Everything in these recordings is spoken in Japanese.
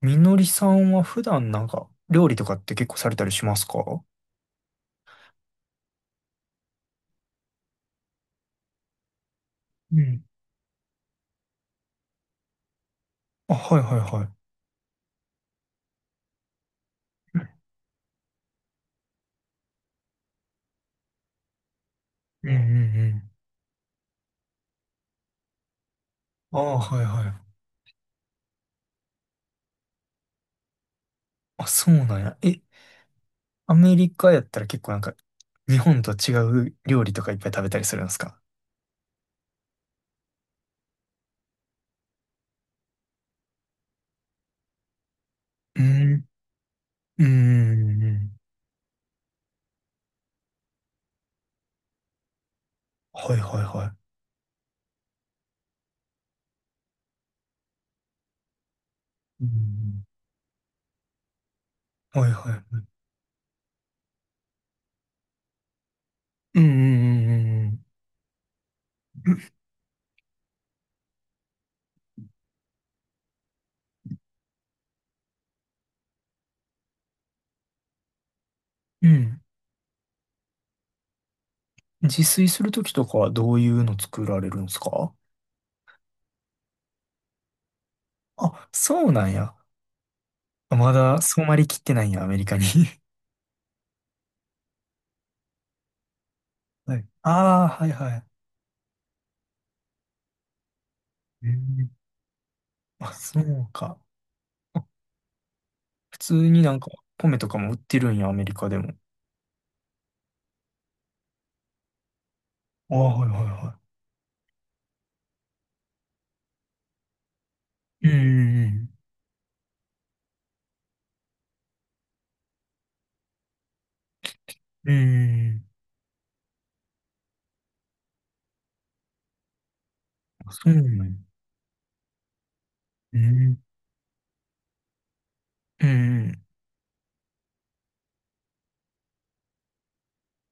みのりさんは普段なんか料理とかって結構されたりしますか？うん。あ、はいはいはい。うんね。うんうん。ああ、はいはい。あ、そうなんや。アメリカやったら結構なんか日本と違う料理とかいっぱい食べたりするんですか？うん。うんうんうん。はいはいはい。うんうん、はいはい。うんうんうんうん。うん。うん、自炊するときとかはどういうの作られるんですか？あ、そうなんや。まだ染まりきってないんや、アメリカに。はい。ああ、はいはい。えー、あ、そうか。あ、普通になんか米とかも売ってるんや、アメリカでも。ああ、はいはいはい。うん、うんうん、うんい。あ、そうなんや。うんうん。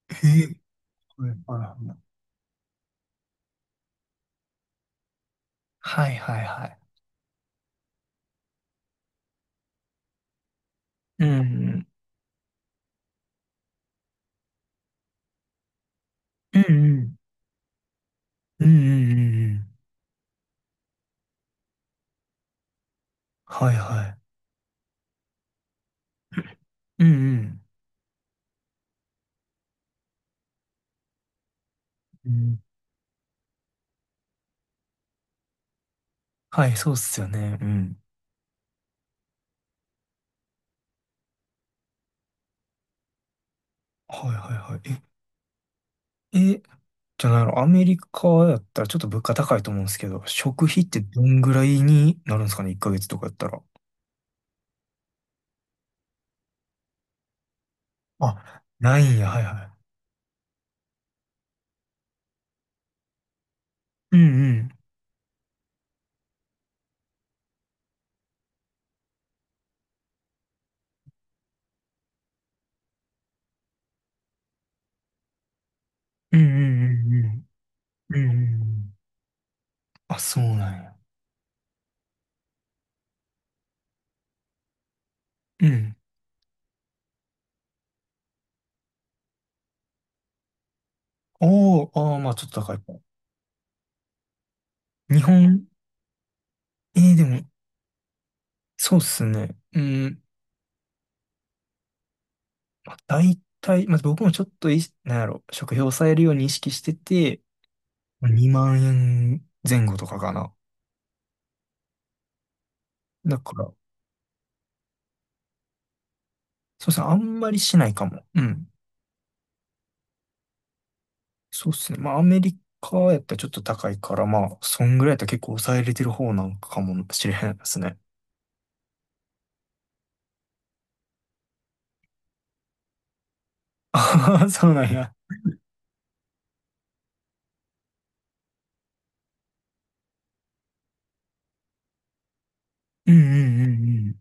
へえ。はいはいはい。はいはいはい。うん、うん、うん、うん、うん、うんうんうん。はいはい。うん、うん。うん、はい、そうっすよね。うん。はいはいはい。え、じゃあないの、アメリカやったらちょっと物価高いと思うんですけど、食費ってどんぐらいになるんですかね、1ヶ月とかやったら？あ、ないんや、はいはい。うんうん。うんうんうんうん。うんうんうん。あ、そうなんや。うん。おー、あー、まあちょっと高いか。日本、えー、でも、そうっすね。うん。まあ、大体、まあ僕もちょっとい、なんやろ、食費を抑えるように意識してて、まあ2万円前後とかかな。だから、そうっすね、あんまりしないかも。うん。そうっすね。まあ、アメリカやったらちょっと高いから、まあ、そんぐらいやったら結構抑えれてる方なんかもしれへんですね。ああ、そうなんや。うんうんうん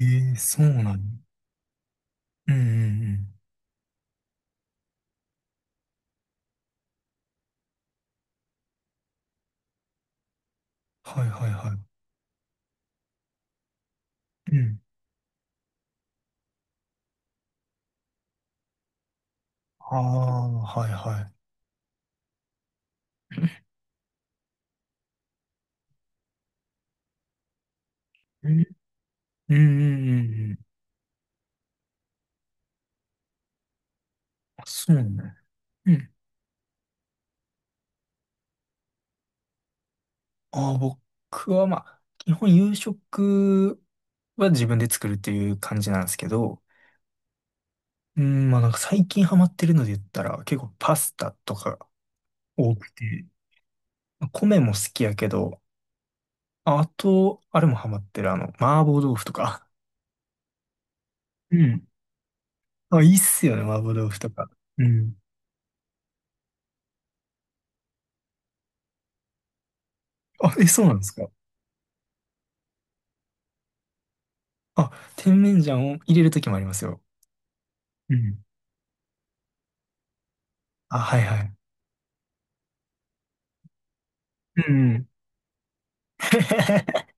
うん。ええ、そうなんや。うんうんうん。はいはいはい。うん。ああ、はいはい。うんうんうんうんうん。あ、そうね。うん。ああ、僕はまあ、基本夕食は自分で作るっていう感じなんですけど、うん、まあなんか最近ハマってるので言ったら、結構パスタとか多くて。米も好きやけど、あと、あれもハマってる、あの、麻婆豆腐とか。うん。あ、いいっすよね、麻婆豆腐とか。うん。あ、え、そうなんですか？あ、甜麺醤を入れるときもありますよ。うん。あ、はいはい。うん。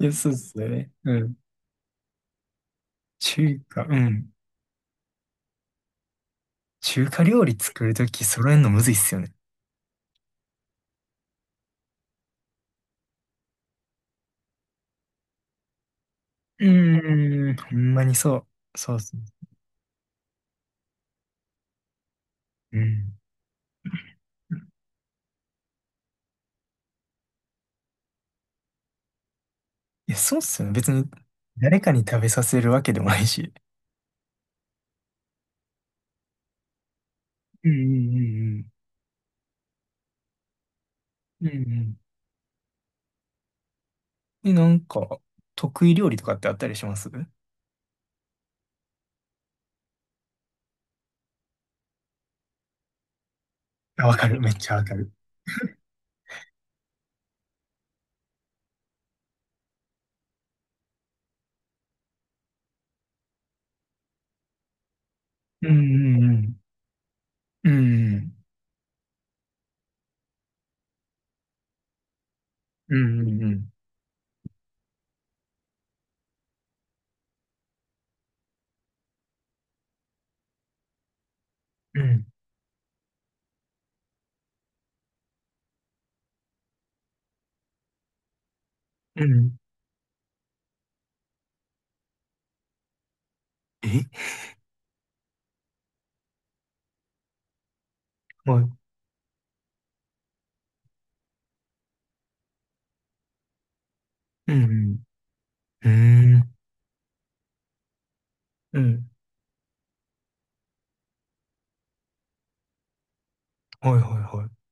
いや、そうっすよね。うん。中華、うん。中華料理作るとき揃えるのむずいっすよね。うーん。うん、ほんまにそう。そうっすね。うん、いや、そうっすよね。別に誰かに食べさせるわけでもないし。うんうんうんうん。うんうん。え、なんか、得意料理とかってあったりします？うん。あ、わかる。めっちゃわかる。うんうんうん。うんうんうん。うんうんうん。え、はい。うんうん。うーん。うん。はいはいはい。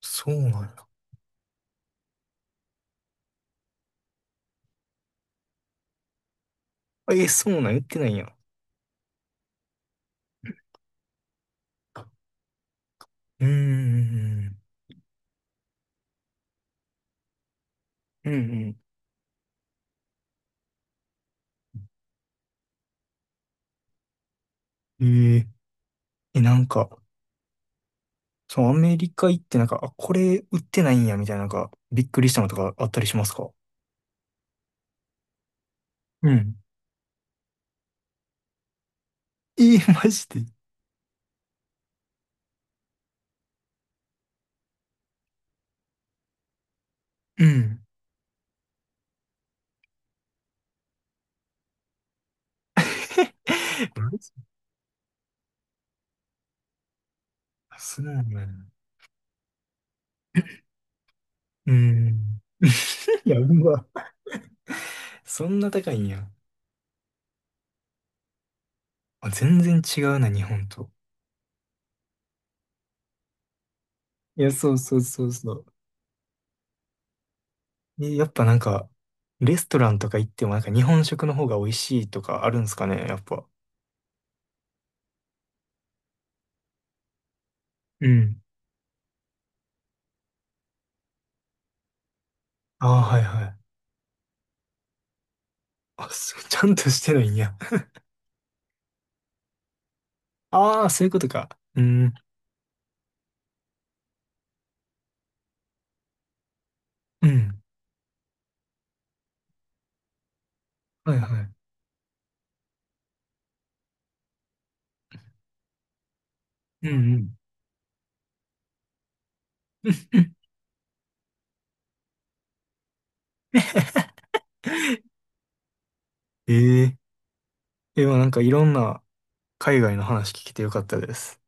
そうなんだ。え、そうなん、言ってないやん。うんうんうん。うんうん。えー、え、なんか、そのアメリカ行ってなんか、あ、これ売ってないんやみたいな、なんか、びっくりしたのとかあったりしますか？うん。えー、マジで？うん。マジ。あ、そうなんや。うーん。いや、うま。そんな高いんや。あ、全然違うな、日本と。いや、そうそうそうそう。え、やっぱなんか、レストランとか行ってもなんか日本食の方が美味しいとかあるんすかね、やっぱ。うん。ああ、はいはい。あ、そう、ちゃんとしてないんや。ああ、そういうことか。うん、うん、はいはい。うんうん。え、え、え、まあなんかいろんな海外の話聞けてよかったです。